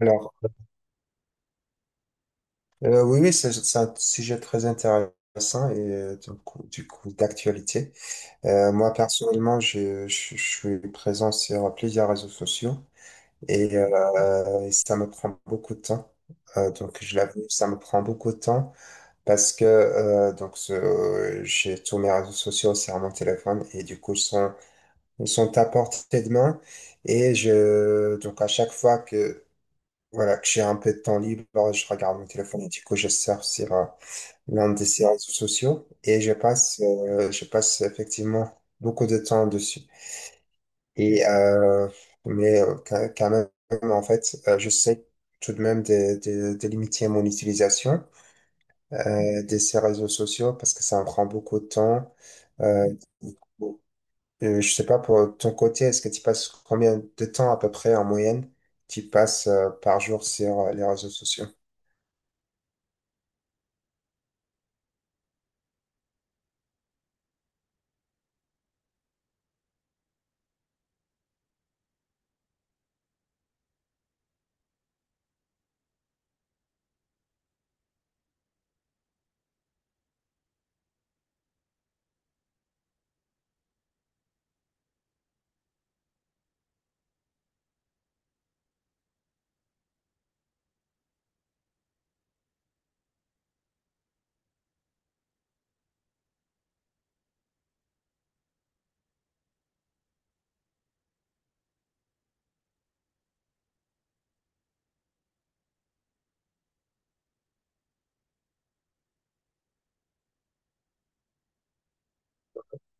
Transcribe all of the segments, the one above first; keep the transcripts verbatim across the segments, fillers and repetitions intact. Alors, euh, oui, oui, c'est c'est un sujet très intéressant et euh, du coup, du coup, d'actualité. Euh, moi, personnellement, je, je, je suis présent sur plusieurs réseaux sociaux et, euh, et ça me prend beaucoup de temps. Euh, donc, je l'avoue, ça me prend beaucoup de temps parce que euh, donc ce- j'ai tous mes réseaux sociaux sur mon téléphone et du coup, ils sont, ils sont à portée de main. Et je, donc, à chaque fois que voilà, que j'ai un peu de temps libre, je regarde mon téléphone et du coup je surfe sur euh, l'un de ces réseaux sociaux et je passe, euh, je passe effectivement beaucoup de temps dessus. Et euh, mais euh, quand quand même, en fait, euh, je sais tout de même de, de, de limiter mon utilisation euh, de ces réseaux sociaux parce que ça me prend beaucoup de temps. Euh, euh, je sais pas pour ton côté, est-ce que tu passes combien de temps à peu près en moyenne tu passes euh, par jour sur euh, les réseaux sociaux?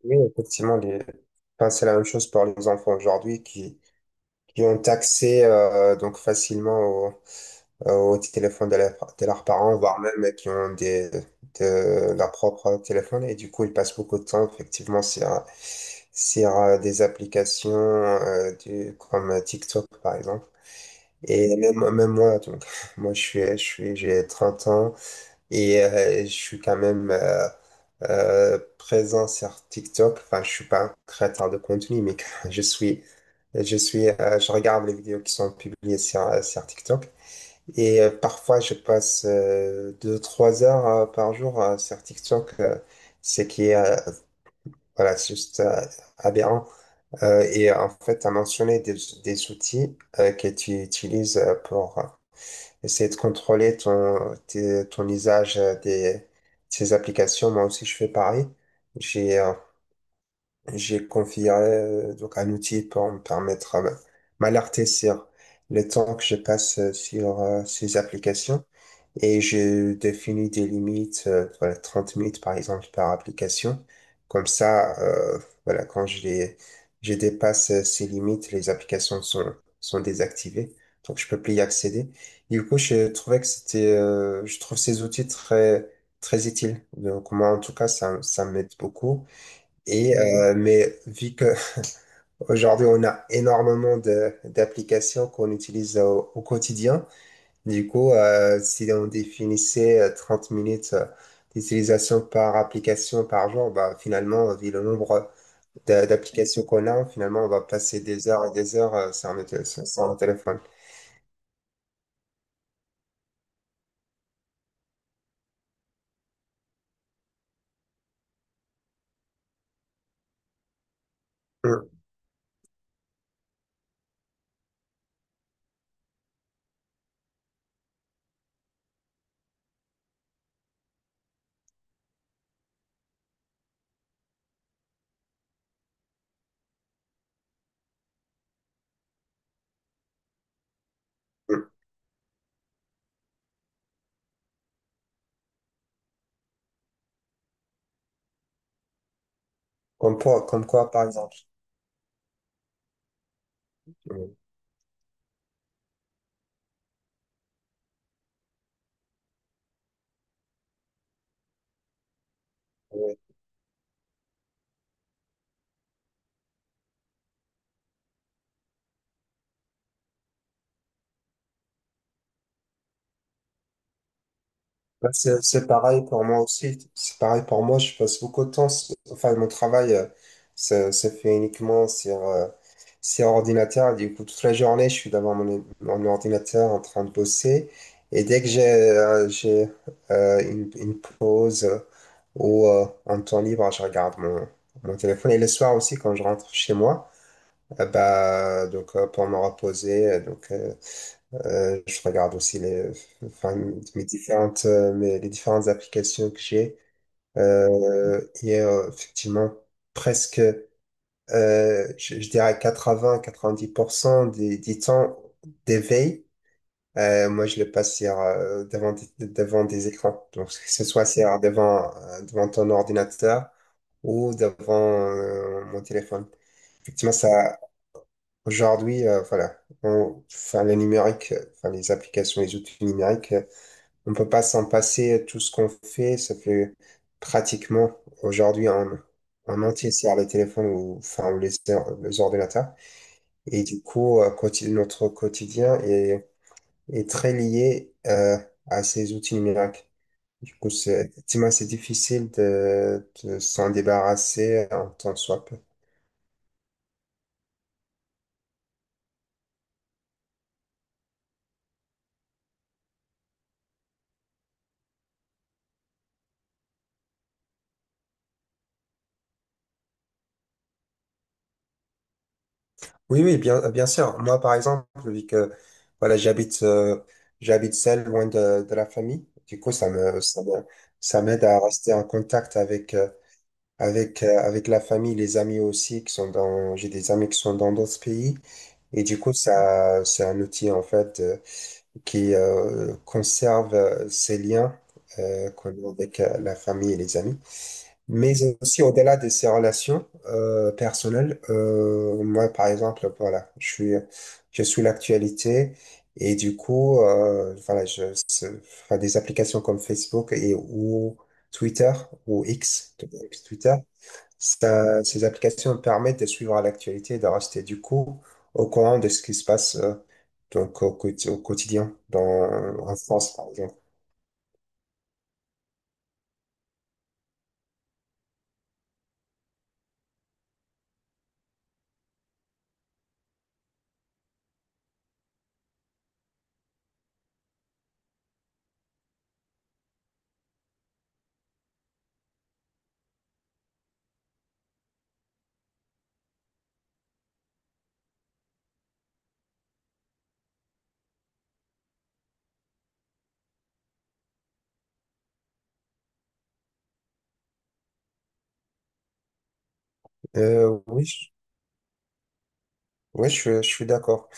Oui, effectivement, les... enfin, c'est la même chose pour les enfants aujourd'hui qui, qui ont accès euh, donc facilement au, euh, au téléphone de, leur- de leurs parents, voire même qui ont des, de leur propre téléphone. Et du coup, ils passent beaucoup de temps effectivement sur, sur euh, des applications euh, du, comme TikTok, par exemple. Et même, même moi, donc, moi, je suis, je suis, j'ai trente ans et euh, je suis quand même euh, euh, présent sur TikTok. Enfin, je suis pas un créateur de contenu, mais je suis, je suis, euh, je regarde les vidéos qui sont publiées sur, euh, sur TikTok. Et euh, parfois, je passe euh, deux, trois heures euh, par jour euh, sur TikTok. euh, ce qui est euh, voilà, c'est juste euh, aberrant. Euh, et en fait, tu as mentionné des, des outils euh, que tu utilises euh, pour euh, essayer de contrôler ton, tes- ton usage euh, des, de ces applications. Moi aussi, je fais pareil. J'ai euh, j'ai configuré euh, donc un outil pour me permettre euh, m'alerter sur le temps que je passe euh, sur euh, ces applications et je définis des limites, euh, voilà, 30 minutes par exemple par application. Comme ça, euh, voilà, quand je les, je dépasse euh, ces limites, les applications sont, sont désactivées, donc je peux plus y accéder. Du coup, je trouvais que c'était, euh, je trouve ces outils très, très utiles. Donc moi, en tout cas, ça, ça m'aide beaucoup. Et euh, mais vu que aujourd'hui on a énormément de d'applications qu'on utilise au, au quotidien, du coup euh, si on définissait euh, 30 minutes euh, d'utilisation par application par jour, bah finalement vu le nombre d'a- d'applications qu'on a, finalement on va passer des heures et des heures euh, sur notre sur sur nos téléphones. Mm, mm. Comme quoi, comme quoi par exemple. Mm. Bah, C'est c'est pareil pour moi aussi. C'est pareil pour moi. Je passe beaucoup de temps. sur- Enfin, mon travail euh, se, se fait uniquement sur, euh, sur ordinateur. Du coup, toute la journée, je suis devant mon, mon ordinateur en train de bosser. Et dès que j'ai euh, j'ai euh, une, une pause euh, ou euh, en temps libre, je regarde mon, mon téléphone. Et le soir aussi, quand je rentre chez moi, euh, bah, donc, euh, pour me reposer. euh, Donc, euh, euh, je regarde aussi les, enfin, mes différentes, euh, mes- les différentes applications que j'ai. Euh, et euh, effectivement, presque, euh, je, je dirais quatre-vingts quatre-vingt-dix pour cent des, du temps d'éveil, euh, moi je le passe sur, euh, devant, des- devant des écrans. Donc, que ce soit sur, devant, euh, devant ton ordinateur ou devant euh, mon téléphone. Effectivement, ça, aujourd'hui, euh, voilà, on, enfin, le numérique, euh, enfin, les applications, les outils numériques euh, on peut pas s'en passer euh, tout ce qu'on fait, ça fait pratiquement aujourd'hui en, en entier sur les téléphones ou, enfin, ou les, or- les ordinateurs. Et du coup, euh, quoti- notre quotidien est, est très lié euh, à ces outils numériques. Du coup, c'est effectivement, c'est difficile de, de s'en débarrasser en tant que soit. Oui, oui, bien, bien sûr. Moi, par exemple, vu que voilà, j'habite euh, j'habite seul, loin de, de la famille, du coup, ça me ça me- ça m'aide à rester en contact avec euh, avec euh, avec la famille, les amis aussi qui sont dans j'ai des amis qui sont dans d'autres pays et du coup, ça c'est un outil en fait euh, qui euh, conserve euh, ces liens euh, qu'on a avec euh, la famille et les amis. Mais aussi au-delà de ces relations euh, personnelles, euh, moi par exemple, voilà, je suis, je suis l'actualité et du coup, euh, voilà, je, c'est- enfin, des applications comme Facebook et ou Twitter ou X, Twitter, ça, ces applications permettent de suivre l'actualité et de rester du coup au courant de ce qui se passe euh, donc au, quotidi- au quotidien dans, en France par exemple. Euh, oui, je- oui, je, je suis d'accord.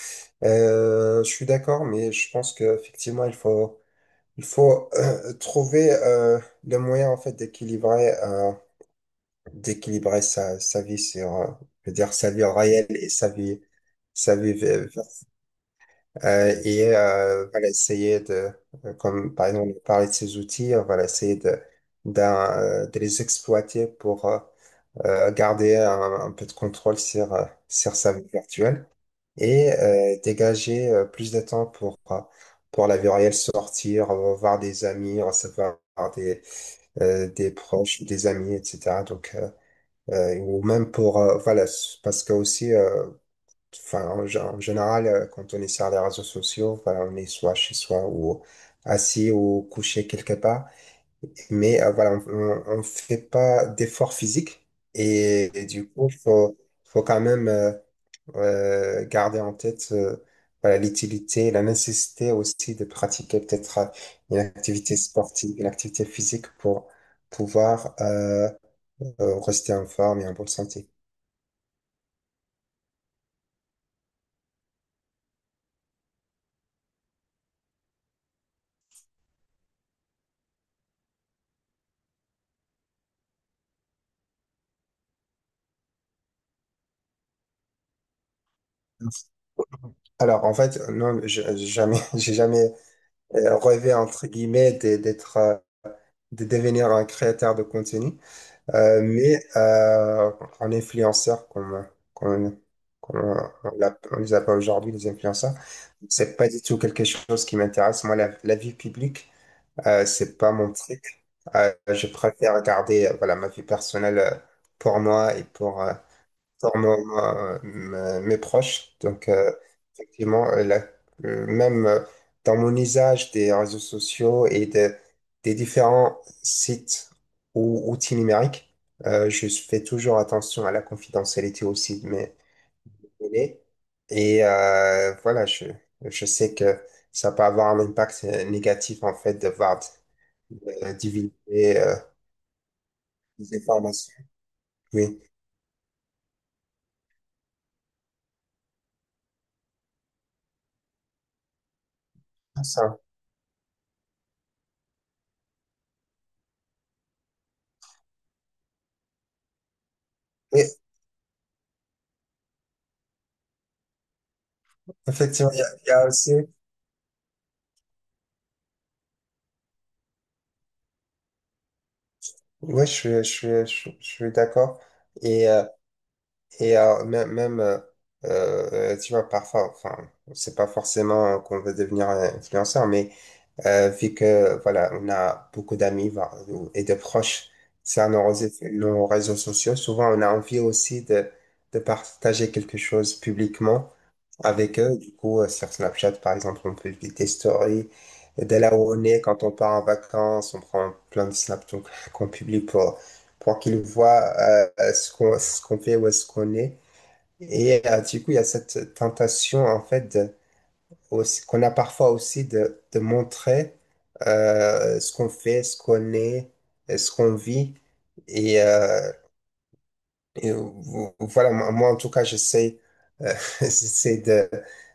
Euh, je suis d'accord, mais je pense qu'effectivement, il faut, il faut euh, trouver euh, le moyen en fait d'équilibrer euh, d'équilibrer sa, sa vie sur, euh, je veux dire, sa vie réelle et sa vie, sa vie vi- vi- euh, et euh, voilà, essayer de, euh, comme par exemple, on parlait de ces outils, on va essayer de, d'un, euh, de les exploiter pour euh, euh, garder un, un peu de contrôle sur, euh, sur sa vie virtuelle et euh, dégager euh, plus de temps pour, euh, pour la vie réelle, sortir, euh, voir des amis, recevoir des, euh, des proches, des amis, et cetera. Donc, euh, euh, ou même pour, euh, voilà, parce que aussi, euh, enfin, en, gé- en général, euh, quand on est sur les réseaux sociaux, voilà, on est soit chez soi ou assis ou couché quelque part, mais euh, voilà, on ne fait pas d'effort physique et, et du coup, faut, faut quand même. euh, euh, garder en tête euh, voilà, l'utilité, la nécessité aussi de pratiquer peut-être euh, une activité sportive, une activité physique pour pouvoir euh, euh, rester en forme et en bonne santé. Alors, en fait, non, je- j'ai jamais, j'ai jamais euh, rêvé, entre guillemets, de- d'être, euh, de devenir un créateur de contenu. Euh, mais euh, en influenceur, comme, comme, comme on, l'a- on les appelle aujourd'hui, les influenceurs, c'est pas du tout quelque chose qui m'intéresse. Moi, la, la vie publique, euh, c'est pas mon truc. Euh, je préfère garder euh, voilà, ma vie personnelle euh, pour moi et pour, euh, pour mon- mon- me- mes proches. Donc, euh, effectivement, euh, la- euh, même euh, dans mon usage des réseaux sociaux et de- des différents sites ou outils numériques, euh, je fais toujours attention à la confidentialité aussi de mes données. Et euh, voilà, je, je sais que ça peut avoir un impact euh, négatif, en fait, de voir de- de divulguer euh, des informations. Oui, ça. Et effectivement, il y a il y a aussi. Oui, je suis, je suis, je, suis je suis d'accord. Et, euh, et euh, même, même euh, euh, tu vois, parfois, enfin, c'est pas forcément qu'on veut devenir un influenceur, mais euh, vu que, voilà, on a beaucoup d'amis voire- ou- et de proches sur nos, réseaux nos réseaux sociaux, souvent on a envie aussi de, de partager quelque chose publiquement avec eux. Du coup, euh, sur Snapchat, par exemple, on publie des stories. Et là où on est, quand on part en vacances, on prend plein de snaps donc, qu'on publie pour, pour qu'ils voient euh, euh, ce qu'on ce qu'on fait, où est-ce qu'on est. Et euh, du coup, il y a cette tentation, en fait, de- aussi- qu'on a parfois aussi de, de montrer euh, ce qu'on fait, ce qu'on est, ce qu'on vit. Et, euh, et euh, vo- voilà, moi, moi, en tout cas, j'essaie euh, j'essaie de,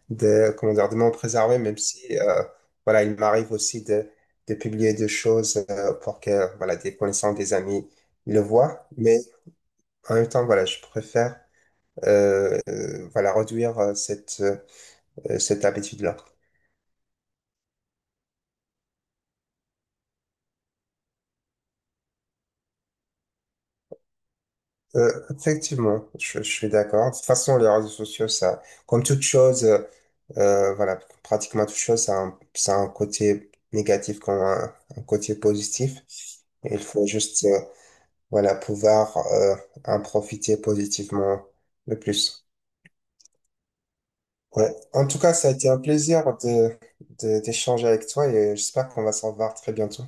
de, comment dire, de m'en préserver, même si euh, voilà, il m'arrive aussi de, de publier des choses euh, pour que voilà, des connaissances, des amis le voient. Mais en même temps, voilà, je préfère euh, euh, voilà, réduire euh, cette, euh, cette habitude-là. Euh, effectivement, je, je suis d'accord. De toute façon, les réseaux sociaux, ça, comme toute chose, euh, euh, voilà, pratiquement toute chose, ça a un, ça a un, côté négatif comme un, un côté positif. Et il faut juste, euh, voilà, pouvoir euh, en profiter positivement le plus. Ouais. En tout cas, ça a été un plaisir de, de- d'échanger avec toi et j'espère qu'on va s'en voir très bientôt.